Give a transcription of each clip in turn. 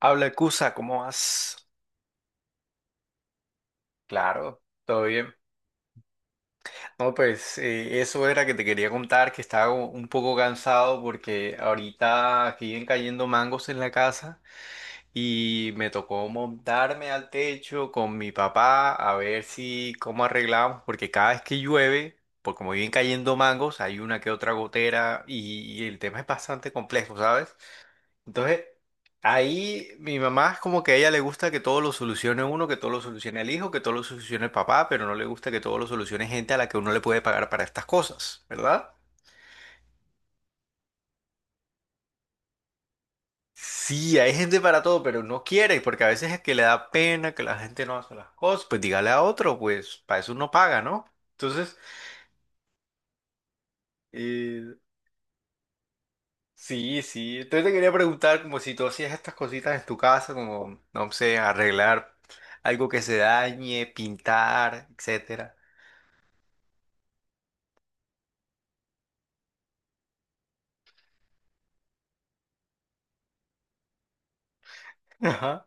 Habla Cusa, ¿cómo vas? Claro, todo bien. No, pues eso era que te quería contar, que estaba como un poco cansado porque ahorita aquí vienen cayendo mangos en la casa y me tocó montarme al techo con mi papá a ver si cómo arreglamos, porque cada vez que llueve, por como vienen cayendo mangos, hay una que otra gotera y el tema es bastante complejo, ¿sabes? Entonces, ahí mi mamá es como que a ella le gusta que todo lo solucione uno, que todo lo solucione el hijo, que todo lo solucione el papá, pero no le gusta que todo lo solucione gente a la que uno le puede pagar para estas cosas, ¿verdad? Sí, hay gente para todo, pero no quiere, porque a veces es que le da pena que la gente no hace las cosas, pues dígale a otro, pues para eso uno paga, ¿no? Entonces, eh, sí, sí. Entonces te quería preguntar como si tú hacías estas cositas en tu casa, como, no sé, arreglar algo que se dañe, pintar, etcétera. Ajá.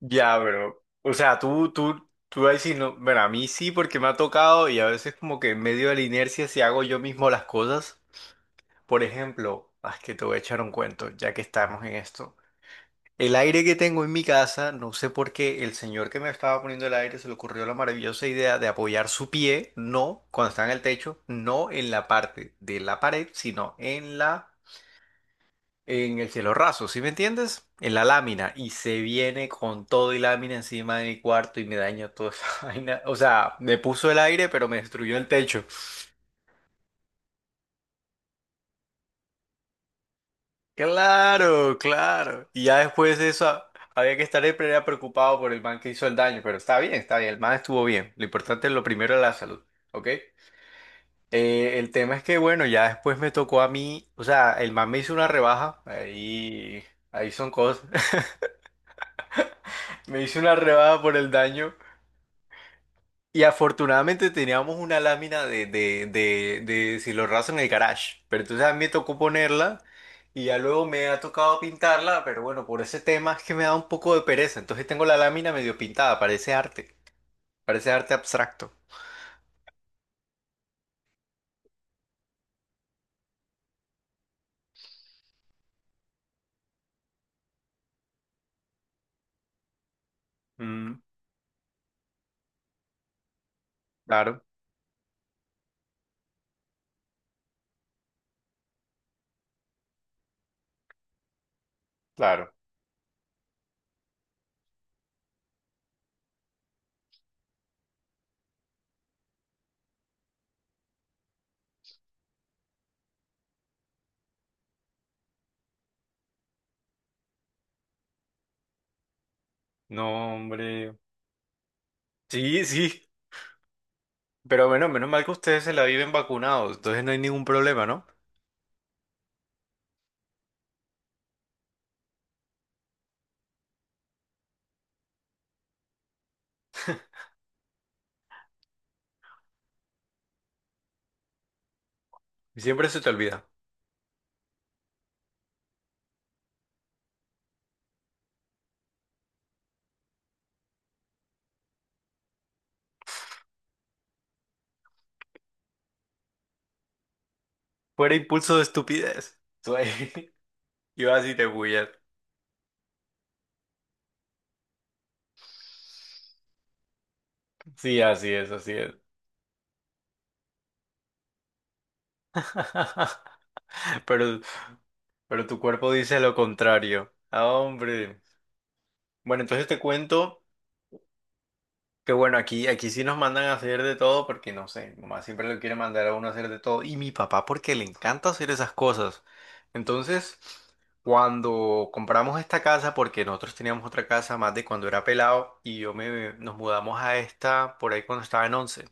Ya, bro. O sea, tú ahí sí no. Bueno, a mí sí, porque me ha tocado y a veces, como que en medio de la inercia, si hago yo mismo las cosas. Por ejemplo, ah, es que te voy a echar un cuento, ya que estamos en esto. El aire que tengo en mi casa, no sé por qué el señor que me estaba poniendo el aire se le ocurrió la maravillosa idea de apoyar su pie, no cuando está en el techo, no en la parte de la pared, sino en la en el cielo raso, ¿sí me entiendes? En la lámina y se viene con todo y lámina encima de mi cuarto y me dañó toda esa vaina. O sea, me puso el aire, pero me destruyó el techo. Claro, claro. Y ya después de eso había que estar siempre era preocupado por el man que hizo el daño, pero está bien, el man estuvo bien. Lo importante es lo primero es la salud, ¿ok? El tema es que, bueno, ya después me tocó a mí, o sea, el man me hizo una rebaja, ahí, ahí son cosas. Me hizo una rebaja por el daño. Y afortunadamente teníamos una lámina de cielorraso en el garage, pero entonces a mí me tocó ponerla y ya luego me ha tocado pintarla, pero bueno, por ese tema es que me da un poco de pereza, entonces tengo la lámina medio pintada, parece arte abstracto. Mm. Claro, claro. No, hombre. Sí, sí, pero bueno, menos mal que ustedes se la viven vacunados, entonces no hay ningún problema, ¿no? Siempre se te olvida. Fuera impulso de estupidez. Tú ahí- Ibas y te bullas. Sí, así es, así es. Pero, pero tu cuerpo dice lo contrario. Ah, hombre. Bueno, entonces te cuento que bueno, aquí, aquí sí nos mandan a hacer de todo porque no sé, mi mamá siempre lo quiere mandar a uno a hacer de todo. Y mi papá porque le encanta hacer esas cosas. Entonces, cuando compramos esta casa, porque nosotros teníamos otra casa más de cuando era pelado y yo me, nos mudamos a esta por ahí cuando estaba en 11.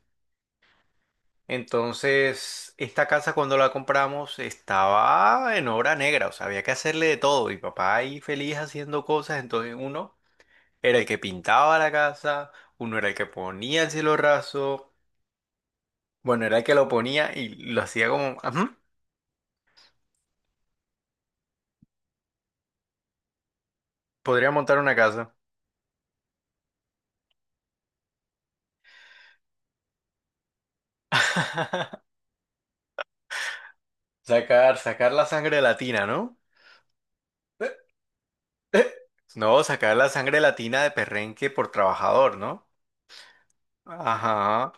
Entonces, esta casa cuando la compramos estaba en obra negra, o sea, había que hacerle de todo. Mi papá ahí feliz haciendo cosas, entonces uno era el que pintaba la casa, uno era el que ponía el cielo raso, bueno, era el que lo ponía y lo hacía como, "Ujú, podría montar una casa". Sacar, sacar la sangre latina, ¿no? Eh, eh. No, sacar la sangre latina de perrenque por trabajador, ¿no? Ajá.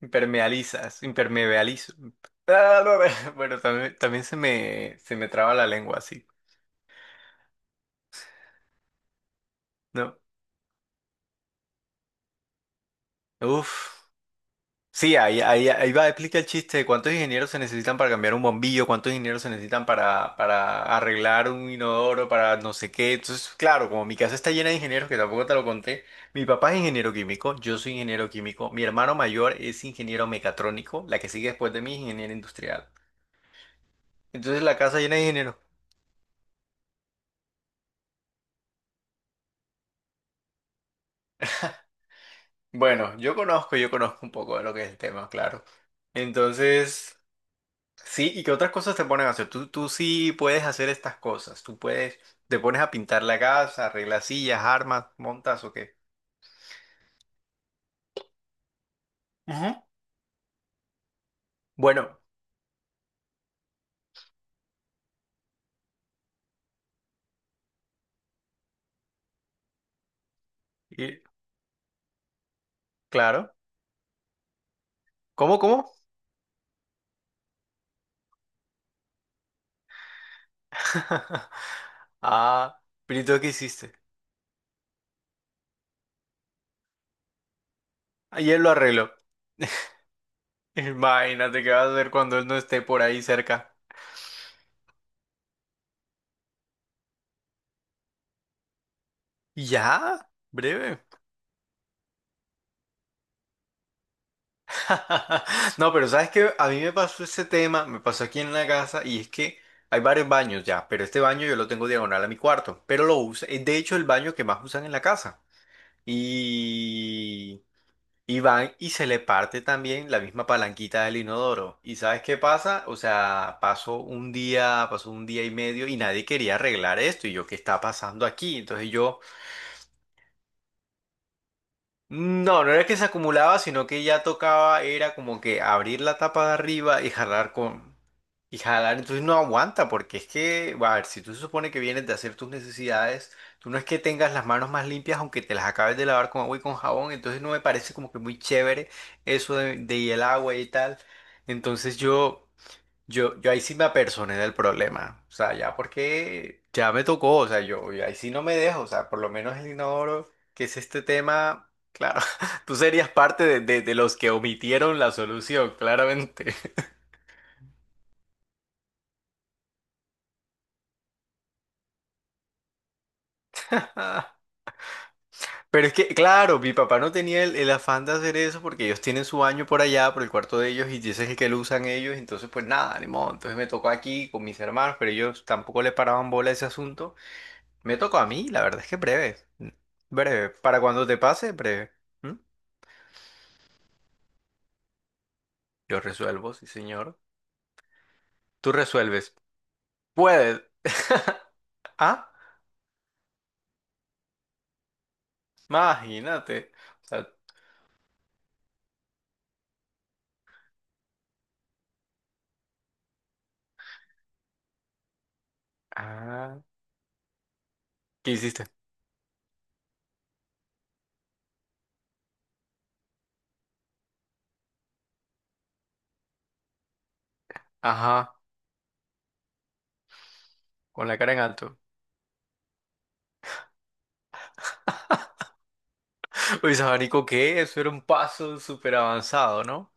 Impermealizas, impermeabilizo. Ah, no no. Bueno, también, también se me traba la lengua así, ¿no? Uf. Sí, ahí, ahí, ahí va, explica el chiste de cuántos ingenieros se necesitan para cambiar un bombillo, cuántos ingenieros se necesitan para arreglar un inodoro, para no sé qué. Entonces, claro, como mi casa está llena de ingenieros, que tampoco te lo conté, mi papá es ingeniero químico, yo soy ingeniero químico, mi hermano mayor es ingeniero mecatrónico, la que sigue después de mí es ingeniero industrial. Entonces, la casa llena de ingenieros. Bueno, yo conozco un poco de lo que es el tema, claro. Entonces, sí, ¿y qué otras cosas te ponen a hacer? Tú sí puedes hacer estas cosas. Tú puedes, te pones a pintar la casa, arreglas sillas, armas, montas o qué. Ajá. Bueno, y claro. ¿Cómo, cómo? Ah, Pirito, ¿qué hiciste? Ayer lo arregló. Imagínate qué vas a hacer cuando él no esté por ahí cerca. ¿Ya? Breve. No, pero sabes que a mí me pasó ese tema, me pasó aquí en la casa y es que hay varios baños ya, pero este baño yo lo tengo diagonal a mi cuarto, pero lo uso, es de hecho el baño que más usan en la casa. Y, y van y se le parte también la misma palanquita del inodoro. ¿Y sabes qué pasa? O sea, pasó un día y medio y nadie quería arreglar esto y yo, ¿qué está pasando aquí? Entonces yo... No, no era que se acumulaba, sino que ya tocaba, era como que abrir la tapa de arriba y jalar con... Y jalar, entonces no aguanta, porque es que, a ver, si tú se supone que vienes de hacer tus necesidades, tú no es que tengas las manos más limpias, aunque te las acabes de lavar con agua y con jabón, entonces no me parece como que muy chévere eso de y el agua y tal. Entonces yo... Yo ahí sí me apersoné del problema, o sea, ya porque ya me tocó, o sea, yo ahí sí no me dejo, o sea, por lo menos el inodoro, que es este tema, claro, tú serías parte de los que omitieron la solución, claramente. Pero es que, claro, mi papá no tenía el afán de hacer eso porque ellos tienen su baño por allá, por el cuarto de ellos, y ese es el que lo usan ellos, entonces pues nada, ni modo, entonces me tocó aquí con mis hermanos, pero ellos tampoco le paraban bola a ese asunto. Me tocó a mí, la verdad es que breve. Mm. Breve. Para cuando te pase, breve. ¿Mm? Yo resuelvo, sí, señor. Tú resuelves. Puedes. Ah, imagínate. O sea, ah, ¿qué hiciste? Ajá, con la cara en alto. Uy, sabanico, ¿qué? Eso era un paso súper avanzado, ¿no?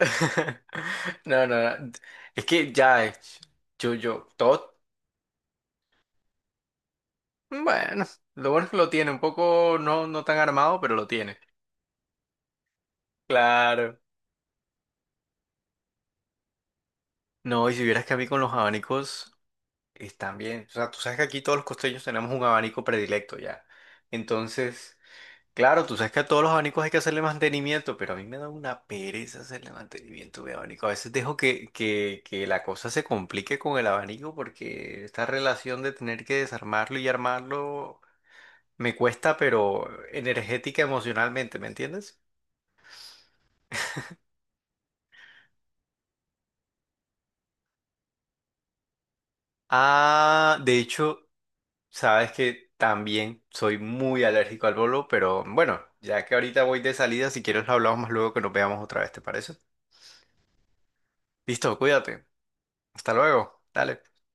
No, no, no. Es que ya, yo, yo, todo. Bueno, lo bueno es que lo tiene, un poco no, no tan armado, pero lo tiene. Claro. No, y si vieras que a mí con los abanicos. Están bien, o sea, tú sabes que aquí todos los costeños tenemos un abanico predilecto ya. Entonces, claro, tú sabes que a todos los abanicos hay que hacerle mantenimiento, pero a mí me da una pereza hacerle mantenimiento a mi abanico. A veces dejo que la cosa se complique con el abanico porque esta relación de tener que desarmarlo y armarlo me cuesta, pero energética, emocionalmente, ¿me entiendes? Ah, de hecho, sabes que también soy muy alérgico al bolo, pero bueno, ya que ahorita voy de salida, si quieres lo hablamos más luego que nos veamos otra vez, ¿te parece? Listo, cuídate. Hasta luego. Dale.